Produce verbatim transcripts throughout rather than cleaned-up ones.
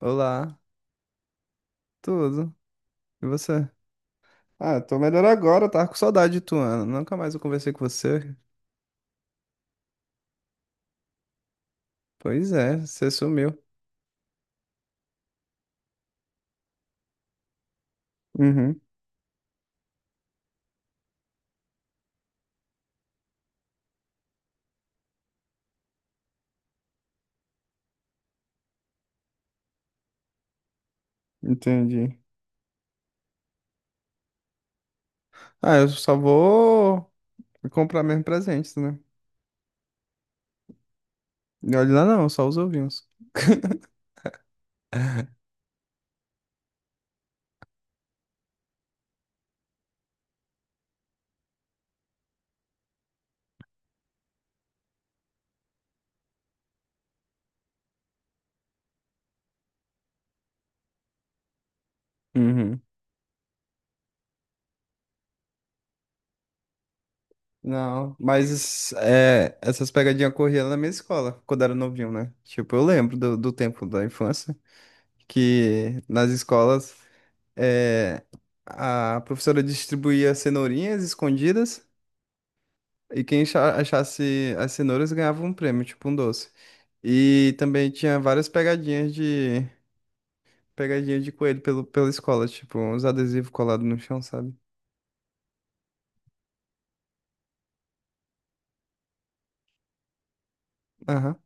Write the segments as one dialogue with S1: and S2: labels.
S1: Olá, tudo? E você? Ah, tô melhor agora, eu tava com saudade de tu, Ana. Nunca mais eu conversei com você. Pois é, você sumiu. Uhum, entendi. Ah, eu só vou comprar mesmo presentes, né? E olha lá, não, só os ovinhos. Uhum. Não, mas é, essas pegadinhas corriam na minha escola, quando era novinho, né? Tipo, eu lembro do, do tempo da infância, que nas escolas é, a professora distribuía cenourinhas escondidas. E quem acha- achasse as cenouras ganhava um prêmio, tipo um doce. E também tinha várias pegadinhas de pegadinha de coelho pelo, pela escola, tipo uns adesivos colados no chão, sabe? Aham.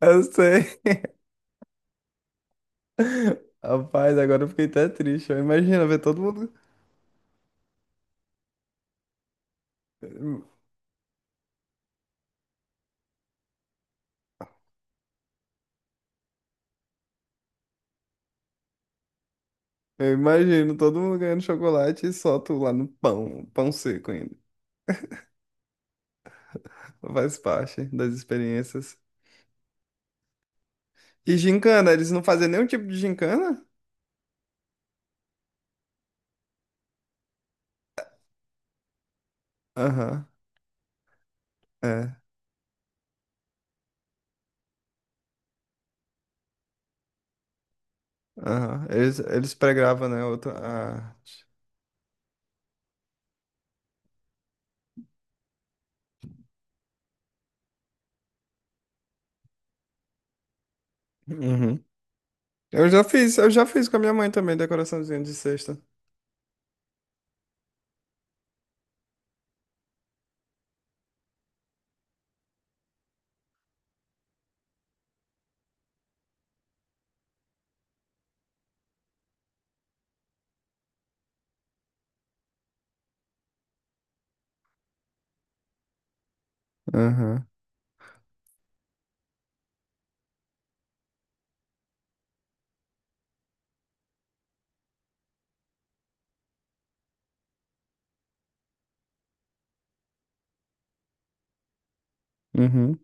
S1: Eu sei. Rapaz, agora eu fiquei até triste. Eu imagino ver todo mundo. Eu imagino todo mundo ganhando chocolate e só tu lá no pão, pão seco ainda. Faz parte das experiências. E gincana, eles não faziam nenhum tipo de gincana? Aham. É. Aham. Eles, eles pregravam, né? Outra arte. Uhum. Eu já fiz, eu já fiz com a minha mãe também, decoraçãozinha de cesta. Aham. Uhum.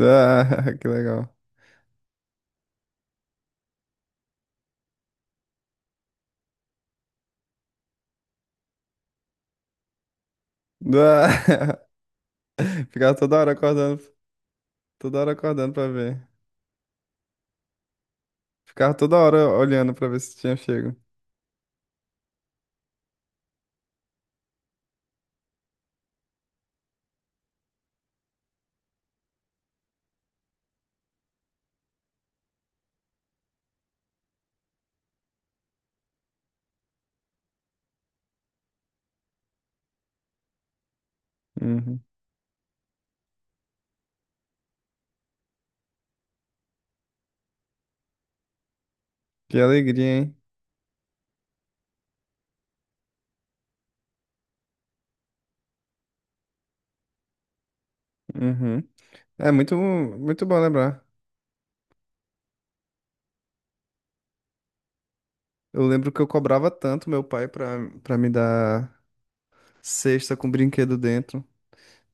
S1: Ah, que legal. Ah, ficava toda hora acordando, toda hora acordando pra ver. Ficava toda hora olhando pra ver se tinha chego. Uhum. Que alegria, hein? Uhum. É muito, muito bom lembrar. Eu lembro que eu cobrava tanto meu pai pra, pra me dar cesta com brinquedo dentro.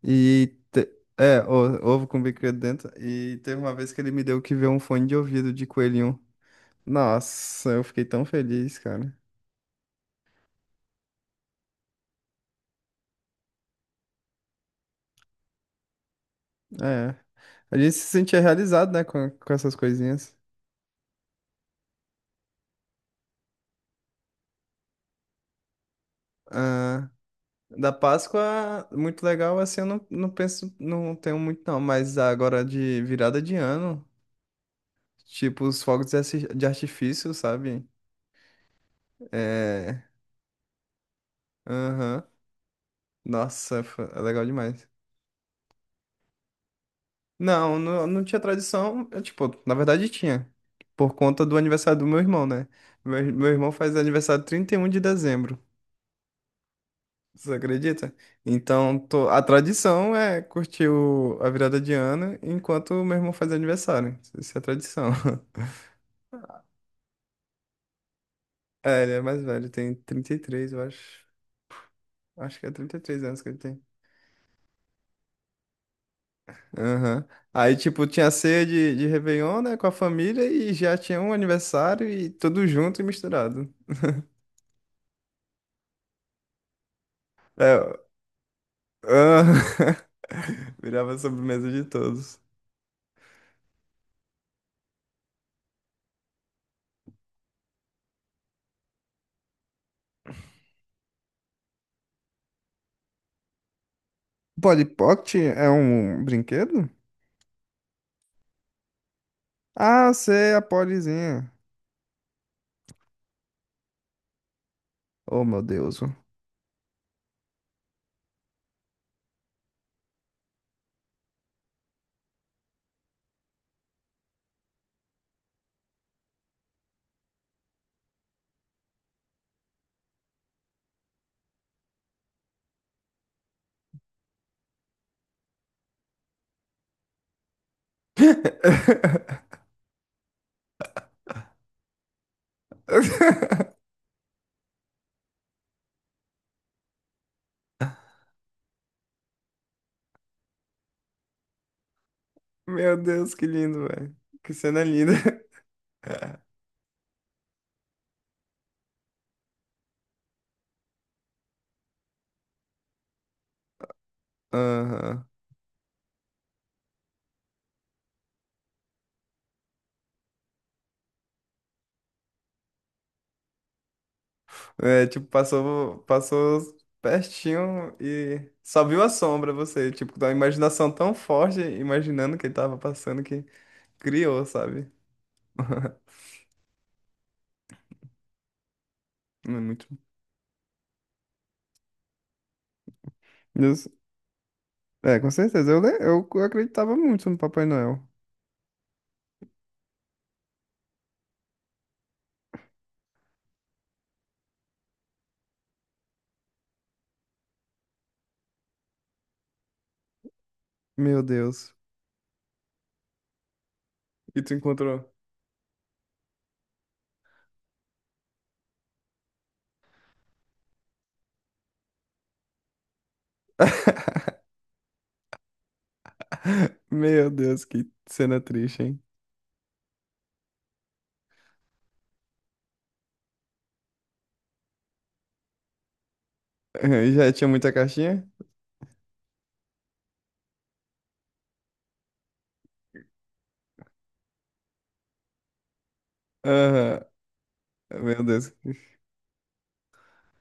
S1: E te- é, o- Ovo com bico dentro. E teve uma vez que ele me deu que ver um fone de ouvido de coelhinho. Nossa, eu fiquei tão feliz, cara. É. A gente se sentia realizado, né, com, com essas coisinhas. Ah, da Páscoa, muito legal, assim, eu não, não penso, não tenho muito não, mas agora de virada de ano, tipo os fogos de arti- de artifício, sabe? É. Aham. Nossa, foi- é legal demais. Não, não, não tinha tradição. Eu, tipo, na verdade tinha. Por conta do aniversário do meu irmão, né? Meu, meu irmão faz aniversário trinta e um de dezembro. Você acredita? Então, tô- a tradição é curtir o- a virada de ano enquanto o meu irmão faz aniversário. Isso é a tradição. É, ele é mais velho, tem trinta e três, eu acho. Acho que é trinta e três anos que ele tem. Aham. Aí, tipo, tinha ceia de, de Réveillon, né, com a família e já tinha um aniversário e tudo junto e misturado. É, Ah, virava a sobremesa de todos. Polly Pocket é um brinquedo? Ah, sei, a Pollyzinha. Oh, meu Deus. Meu Deus, que lindo, velho. Que cena linda. Aham. É, tipo, passou, passou pertinho e só viu a sombra você, tipo, da imaginação tão forte, imaginando que ele tava passando que criou, sabe? Hum. Muito. É, com certeza. Eu, le- eu, eu acreditava muito no Papai Noel. Meu Deus. E tu encontrou? Meu Deus, que cena triste, hein? E já tinha muita caixinha? Aham. Meu Deus.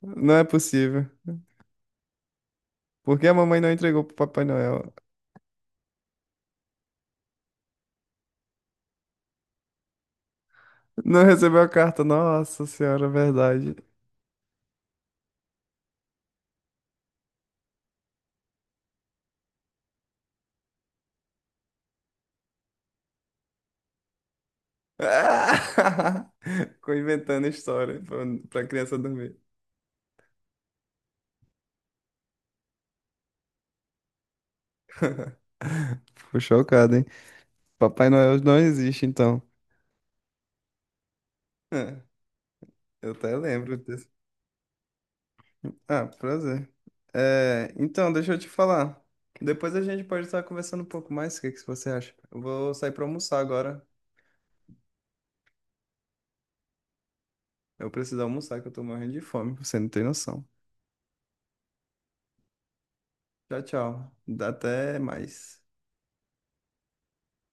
S1: Não é possível. Por que a mamãe não entregou pro Papai Noel? Não recebeu a carta. Nossa Senhora, verdade. Ficou inventando história pra, pra criança dormir. Fico chocado, hein? Papai Noel não existe, então. É, eu até lembro. Ah, prazer. É, então, deixa eu te falar. Depois a gente pode estar conversando um pouco mais. O que que você acha? Eu vou sair pra almoçar agora. Eu preciso almoçar, que eu tô morrendo de fome. Você não tem noção. Tchau, tchau. Até mais.